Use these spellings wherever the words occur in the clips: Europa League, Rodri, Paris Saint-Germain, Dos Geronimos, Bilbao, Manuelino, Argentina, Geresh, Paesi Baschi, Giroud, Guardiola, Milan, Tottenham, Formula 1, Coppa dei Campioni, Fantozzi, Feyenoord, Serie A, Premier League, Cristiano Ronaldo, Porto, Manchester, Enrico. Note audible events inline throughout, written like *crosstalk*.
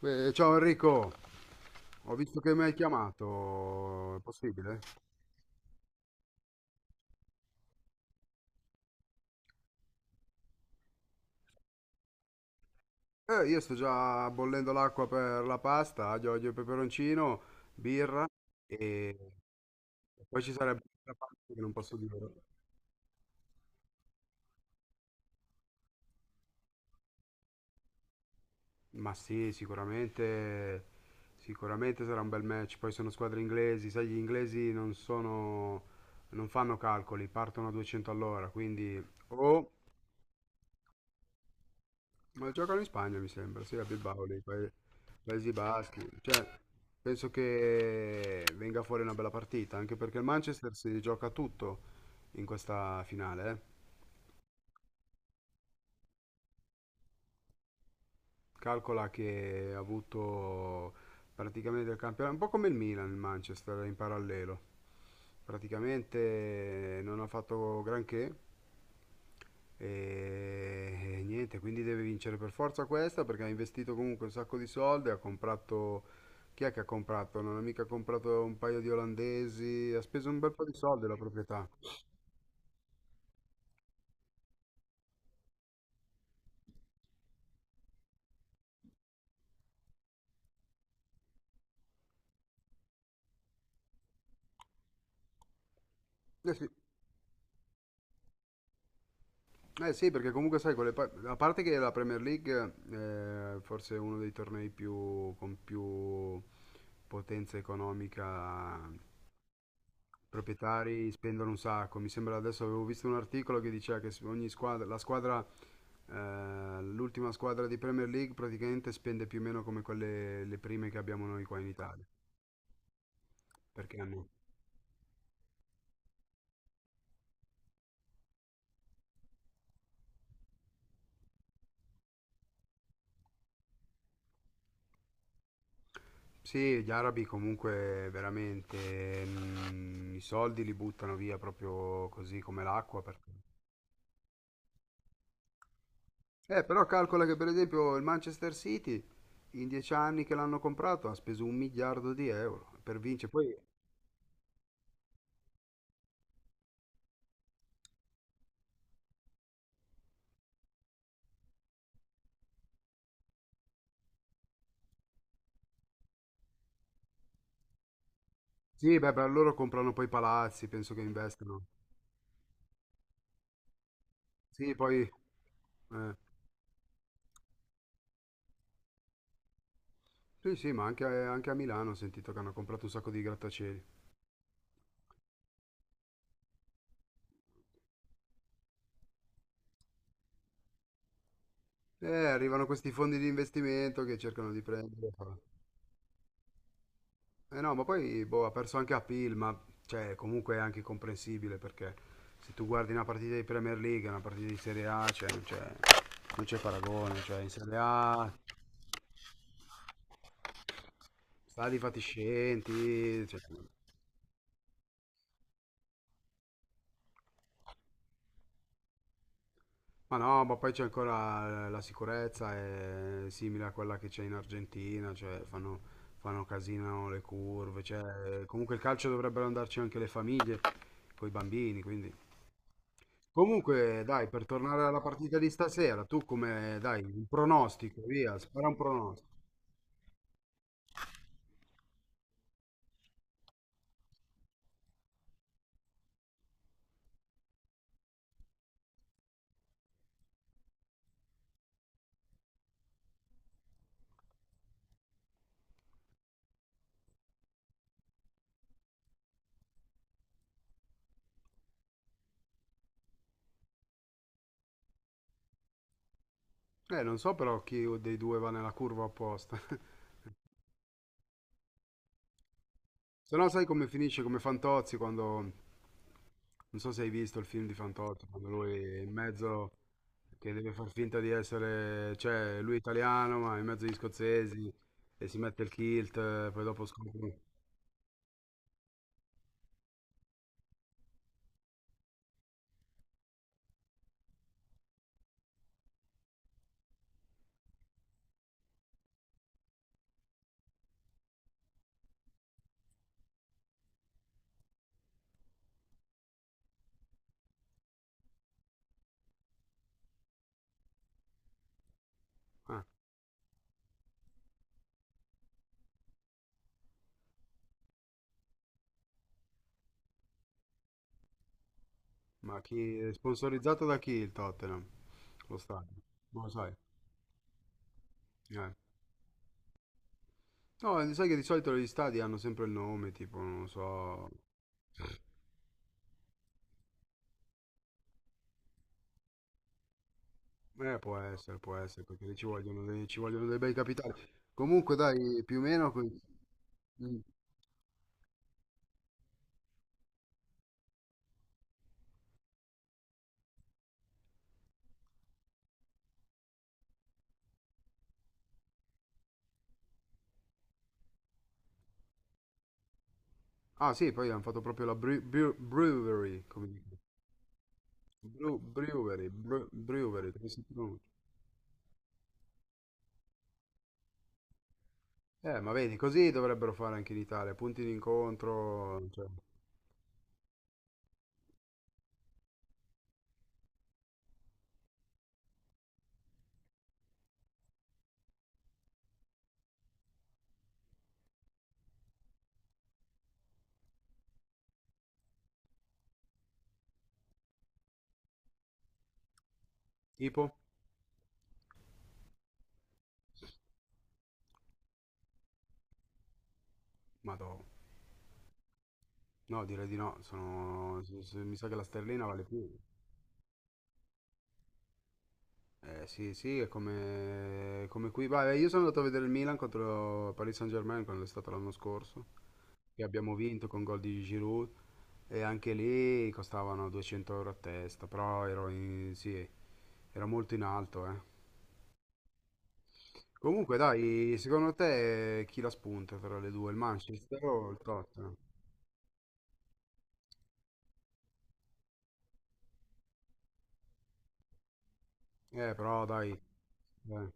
Beh, ciao Enrico, ho visto che mi hai chiamato, è possibile? Io sto già bollendo l'acqua per la pasta, aglio, olio e peperoncino, birra e e poi ci sarebbe la parte che non posso dire. Ma sì, sicuramente sarà un bel match, poi sono squadre inglesi, sai, gli inglesi non sono, non fanno calcoli, partono a 200 all'ora, quindi o Ma giocano in Spagna, mi sembra, sì, a Bilbao, lì, Paesi Baschi. Cioè, penso che venga fuori una bella partita, anche perché il Manchester si gioca tutto in questa finale, eh. Calcola che ha avuto praticamente il campionato, un po' come il Milan, il Manchester in parallelo. Praticamente non ha fatto granché e, e niente, quindi deve vincere per forza questa perché ha investito comunque un sacco di soldi, ha comprato... Chi è che ha comprato? Non ha mica comprato un paio di olandesi, ha speso un bel po' di soldi la proprietà. Eh sì. Eh sì, perché comunque sai, con le a parte che la Premier League è forse uno dei tornei più, con più potenza economica, i proprietari spendono un sacco. Mi sembra adesso avevo visto un articolo che diceva che ogni squadra, la squadra, l'ultima squadra di Premier League praticamente spende più o meno come quelle le prime che abbiamo noi qua in Italia. Perché hanno... Sì, gli arabi comunque veramente i soldi li buttano via proprio così come l'acqua. Però calcola che per esempio il Manchester City in 10 anni che l'hanno comprato ha speso un miliardo di euro per vincere. Poi sì, beh, per loro comprano poi palazzi, penso che investano. Sì, poi eh, sì, sì, ma anche a Milano ho sentito che hanno comprato un sacco di grattacieli. Arrivano questi fondi di investimento che cercano di prendere. Eh. Eh no, ma poi boh, ha perso anche a Pil, ma cioè, comunque è anche comprensibile perché se tu guardi una partita di Premier League, e una partita di Serie A, cioè, non c'è paragone, cioè in Serie A stadi fatiscenti, cioè, ma no, ma poi c'è ancora la sicurezza, è simile a quella che c'è in Argentina, cioè fanno, casino le curve, cioè, comunque il calcio dovrebbero andarci anche le famiglie, con i bambini, quindi... Comunque, dai, per tornare alla partita di stasera, tu come, dai, un pronostico, via, spara un pronostico. Non so però chi dei due va nella curva apposta. *laughs* Se no sai come finisce, come Fantozzi quando, non so se hai visto il film di Fantozzi, quando lui è in mezzo, che deve far finta di essere, cioè, lui è italiano, ma è in mezzo agli scozzesi, e si mette il kilt, poi dopo scopre... Ah, ma chi è sponsorizzato da chi il Tottenham? Lo stadio, non lo sai. Eh. No, sai che di solito gli stadi hanno sempre il nome, tipo, non lo so. Può essere, perché ci vogliono dei bei capitali. Comunque, dai, più o meno... Mm. Ah, sì, poi hanno fatto proprio la brewery, come dico. Brewery, brewery, come si pronuncia? Ma vedi, così dovrebbero fare anche in Italia, punti d'incontro, cioè... Tipo? Madò. No, direi di no, sono... mi sa che la sterlina vale più. Sì, sì, è come, come qui. Vabbè, io sono andato a vedere il Milan contro il Paris Saint-Germain quando è stato l'anno scorso, che abbiamo vinto con gol di Giroud e anche lì costavano 200 euro a testa, però ero sì, era molto in alto, eh. Comunque, dai, secondo te chi la spunta tra le due, il Manchester o il Tottenham? Però dai,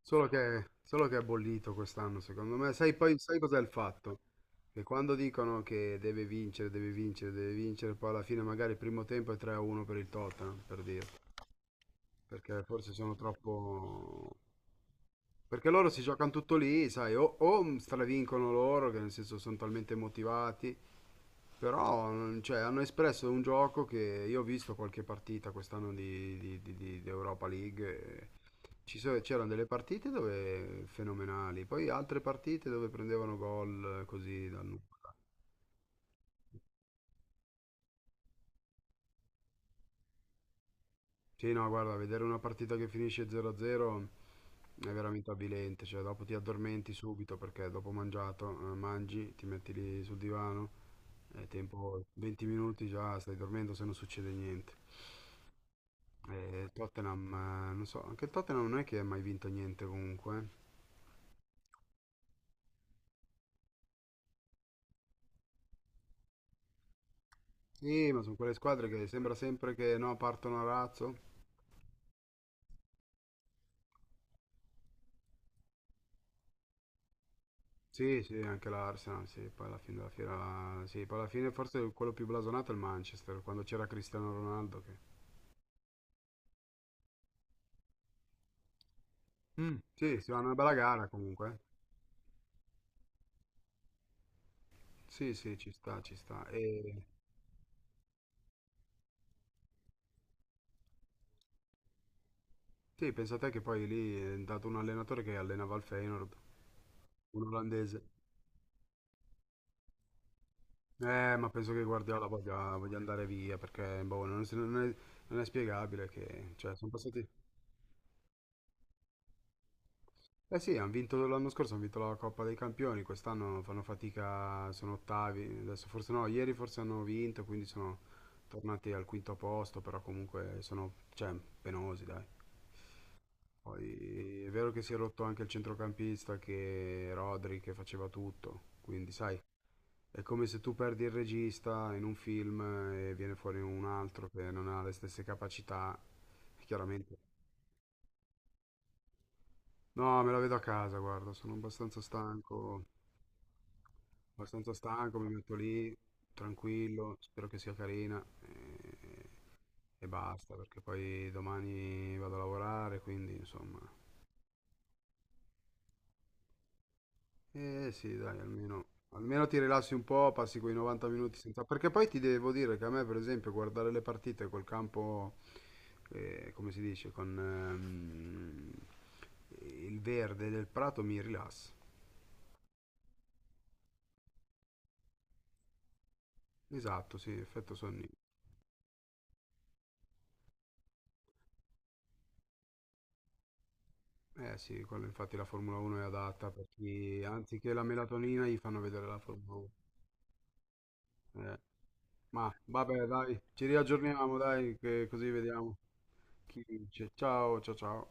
solo che è bollito quest'anno, secondo me. Sai poi, sai cos'è il fatto? Che quando dicono che deve vincere, deve vincere, deve vincere, poi alla fine magari il primo tempo è 3-1 per il Tottenham, per dirti. Perché forse sono troppo... Perché loro si giocano tutto lì, sai, o stravincono loro, che nel senso sono talmente motivati, però cioè, hanno espresso un gioco che io ho visto qualche partita quest'anno di Europa League. E c'erano delle partite dove fenomenali, poi altre partite dove prendevano gol così dal nulla. Sì, no, guarda, vedere una partita che finisce 0-0 è veramente avvilente, cioè dopo ti addormenti subito perché dopo mangiato, mangi, ti metti lì sul divano, è tempo 20 minuti già, stai dormendo se non succede niente. E Tottenham, non so, anche il Tottenham non è che ha mai vinto niente comunque. Eh. Sì, ma sono quelle squadre che sembra sempre che no, partono a razzo. Sì, sì, anche l'Arsenal, sì, poi alla fine della fiera, sì, poi alla fine forse quello più blasonato è il Manchester, quando c'era Cristiano Ronaldo che... Mm, sì, si fanno una bella gara comunque. Sì, sì, ci sta, ci sta. E sì, pensate che poi lì è andato un allenatore che allenava il Feyenoord, un olandese. Ma penso che Guardiola voglia andare via perché boh, non è spiegabile che, cioè, sono passati. Eh sì, hanno vinto l'anno scorso, hanno vinto la Coppa dei Campioni, quest'anno fanno fatica, sono ottavi, adesso forse no, ieri forse hanno vinto, quindi sono tornati al quinto posto, però comunque sono, cioè, penosi. Poi è vero che si è rotto anche il centrocampista, che Rodri che faceva tutto, quindi sai, è come se tu perdi il regista in un film e viene fuori un altro che non ha le stesse capacità, chiaramente. No, me la vedo a casa, guarda, sono abbastanza stanco, mi metto lì, tranquillo, spero che sia carina e basta, perché poi domani vado a lavorare, quindi insomma. Eh sì, dai, almeno ti rilassi un po', passi quei 90 minuti senza... Perché poi ti devo dire che a me, per esempio, guardare le partite col campo, come si dice, con il verde del prato mi rilassa. Esatto, sì, effetto sonnino. Eh sì, quello infatti la Formula 1 è adatta per chi, anziché la melatonina, gli fanno vedere la Formula 1. Eh, ma vabbè, dai, ci riaggiorniamo, dai, che così vediamo chi vince. Ciao, ciao, ciao.